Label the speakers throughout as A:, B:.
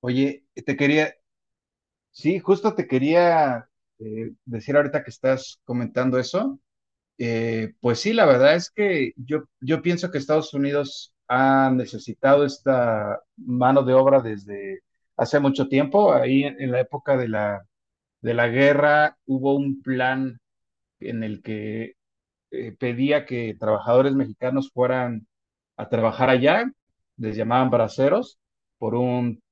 A: Oye, te quería decir ahorita que estás comentando eso. Pues sí, la verdad es que yo pienso que Estados Unidos ha necesitado esta mano de obra desde hace mucho tiempo. Ahí en la época de la guerra hubo un plan en el que pedía que trabajadores mexicanos fueran a trabajar allá, les llamaban braceros, por un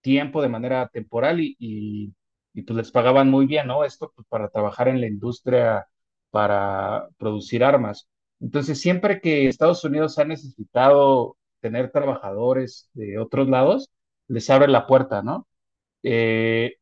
A: tiempo de manera temporal y pues les pagaban muy bien, ¿no? Esto pues, para trabajar en la industria para producir armas. Entonces, siempre que Estados Unidos ha necesitado tener trabajadores de otros lados, les abre la puerta, ¿no? Eh,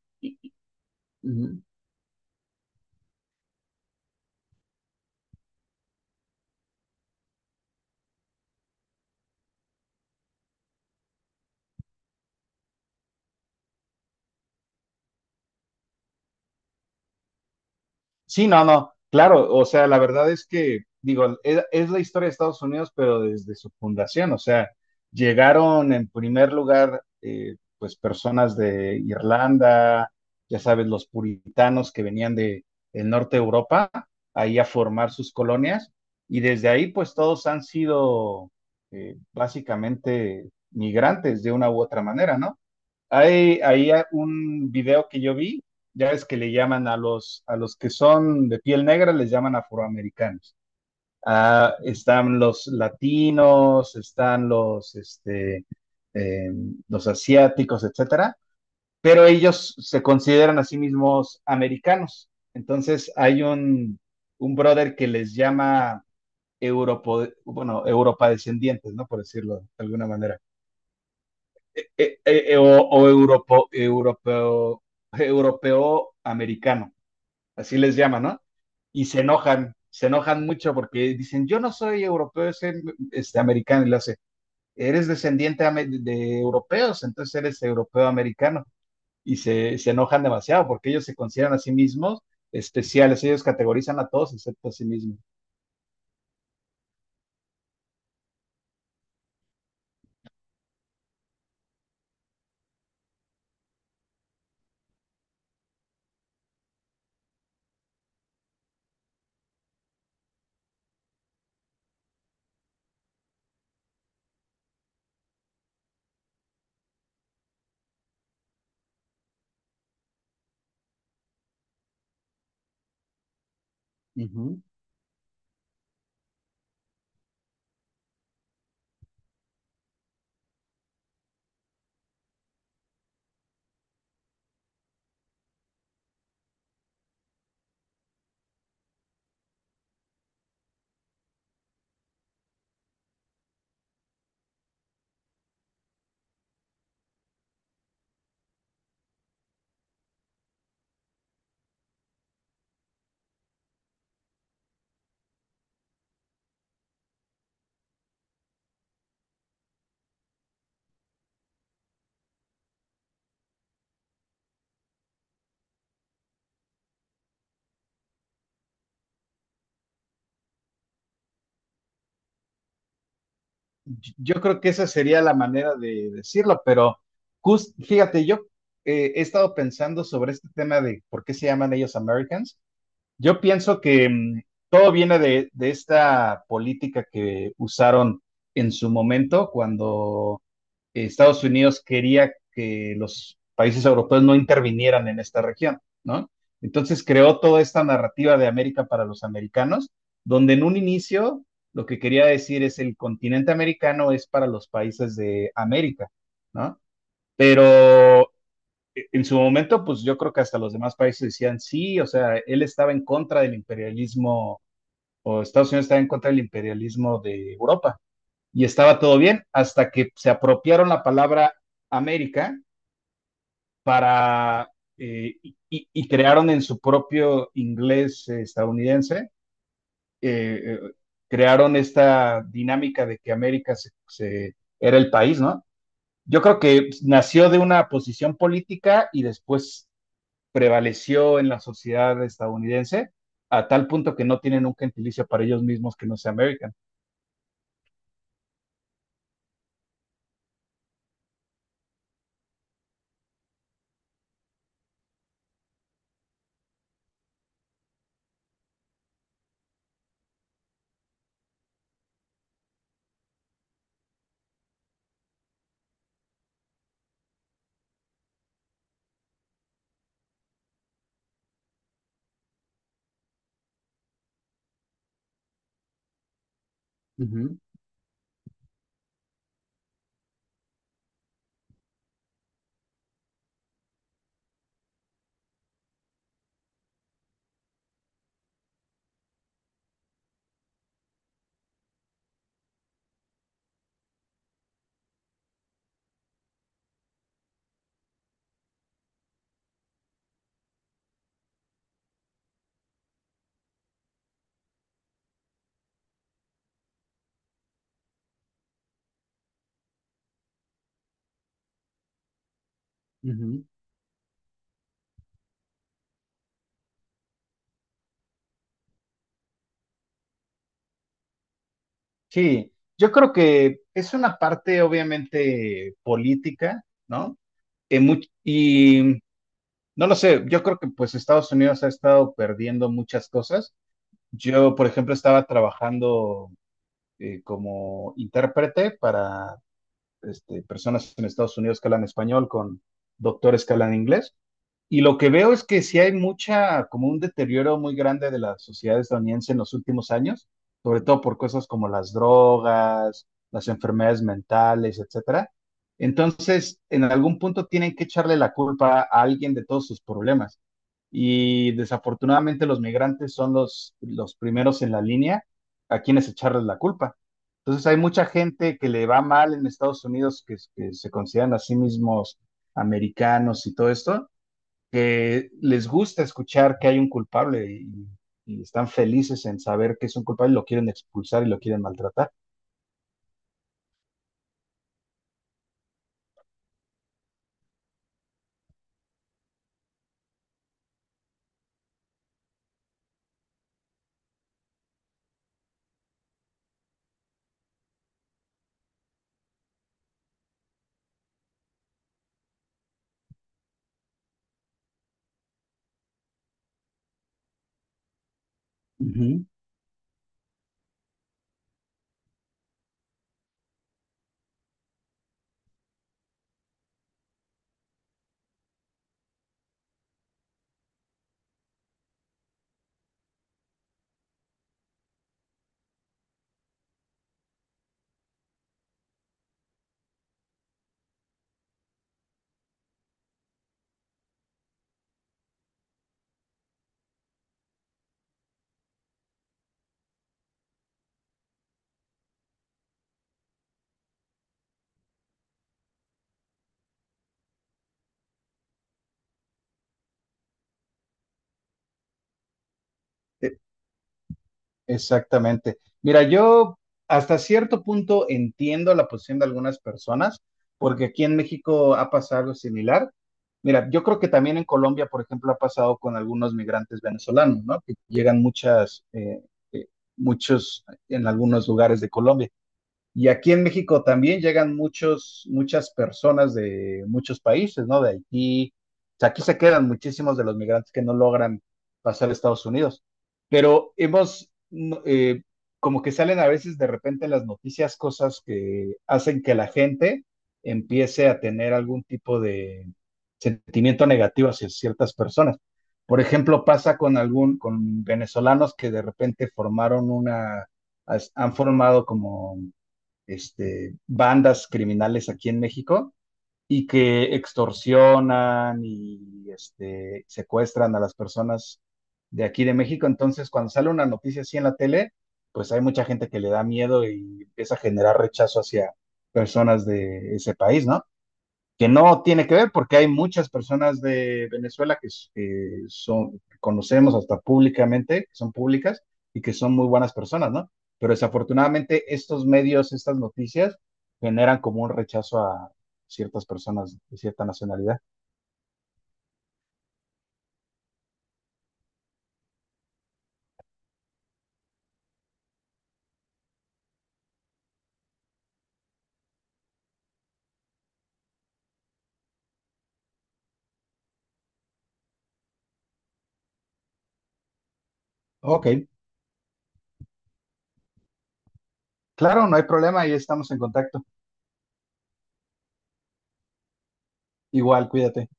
A: Sí, no, no, claro, o sea, la verdad es que, digo, es la historia de Estados Unidos, pero desde su fundación, o sea, llegaron en primer lugar, pues, personas de Irlanda, ya sabes, los puritanos que venían de, el norte de Europa, ahí a formar sus colonias, y desde ahí, pues, todos han sido básicamente migrantes de una u otra manera, ¿no? Hay, ahí un video que yo vi, ya ves que le llaman a los que son de piel negra, les llaman afroamericanos. Ah, están los latinos, están los, eh, los asiáticos, etcétera, pero ellos se consideran a sí mismos americanos. Entonces hay un brother que les llama Europa descendientes, ¿no? Por decirlo de alguna manera europeo, europeo americano, así les llaman, ¿no? Y se enojan mucho porque dicen, yo no soy europeo, soy americano, y le hace, eres de europeos, entonces eres europeo americano, y se enojan demasiado porque ellos se consideran a sí mismos especiales, ellos categorizan a todos excepto a sí mismos. Yo creo que esa sería la manera de decirlo, pero fíjate, yo he estado pensando sobre este tema de por qué se llaman ellos Americans. Yo pienso que todo viene de esta política que usaron en su momento cuando Estados Unidos quería que los países europeos no intervinieran en esta región, ¿no? Entonces creó toda esta narrativa de América para los americanos, donde en un inicio lo que quería decir es el continente americano es para los países de América, ¿no? Pero en su momento, pues yo creo que hasta los demás países decían sí, o sea, él estaba en contra del imperialismo, o Estados Unidos estaba en contra del imperialismo de Europa, y estaba todo bien hasta que se apropiaron la palabra América para eh, y, crearon en su propio inglés estadounidense, eh, eh, crearon esta dinámica de que América era el país, ¿no? Yo creo que nació de una posición política y después prevaleció en la sociedad estadounidense a tal punto que no tienen un gentilicio para ellos mismos que no sea American. Uh -huh, uh -huh. Sí, yo creo que es una parte obviamente política, ¿no? Y no lo sé, yo creo que pues Estados Unidos ha estado perdiendo muchas cosas. Yo, por ejemplo, estaba trabajando como intérprete para personas en Estados Unidos que hablan español con doctores que hablan inglés. Y lo que veo es que sí hay mucha, como un deterioro muy grande de la sociedad estadounidense en los últimos años, sobre todo por cosas como las drogas, las enfermedades mentales, etcétera. Entonces, en algún punto tienen que echarle la culpa a alguien de todos sus problemas. Y desafortunadamente los migrantes son los primeros en la línea a quienes echarles la culpa. Entonces hay mucha gente que le va mal en Estados Unidos, que se consideran a sí mismos americanos y todo esto, que les gusta escuchar que hay un culpable y están felices en saber que es un culpable, lo quieren expulsar y lo quieren maltratar. Ujú. Eh, Exactamente. Mira, yo hasta cierto punto entiendo la posición de algunas personas, porque aquí en México ha pasado algo similar. Mira, yo creo que también en Colombia, por ejemplo, ha pasado con algunos migrantes venezolanos, ¿no? Que llegan muchas, eh, muchos en algunos lugares de Colombia. Y aquí en México también llegan muchos, muchas personas de muchos países, ¿no? De Haití. O sea, aquí se quedan muchísimos de los migrantes que no logran pasar a Estados Unidos. Pero hemos, no, como que salen a veces de repente en las noticias cosas que hacen que la gente empiece a tener algún tipo de sentimiento negativo hacia ciertas personas. Por ejemplo, pasa con algún, con venezolanos que de repente formaron han formado como bandas criminales aquí en México y que extorsionan y secuestran a las personas de aquí de México. Entonces, cuando sale una noticia así en la tele, pues hay mucha gente que le da miedo y empieza a generar rechazo hacia personas de ese país, ¿no? Que no tiene que ver porque hay muchas personas de Venezuela que, son, conocemos hasta públicamente, que son públicas y que son muy buenas personas, ¿no? Pero desafortunadamente estos medios, estas noticias, generan como un rechazo a ciertas personas de cierta nacionalidad. Ok, claro, no hay problema, ahí estamos en contacto. Igual, cuídate.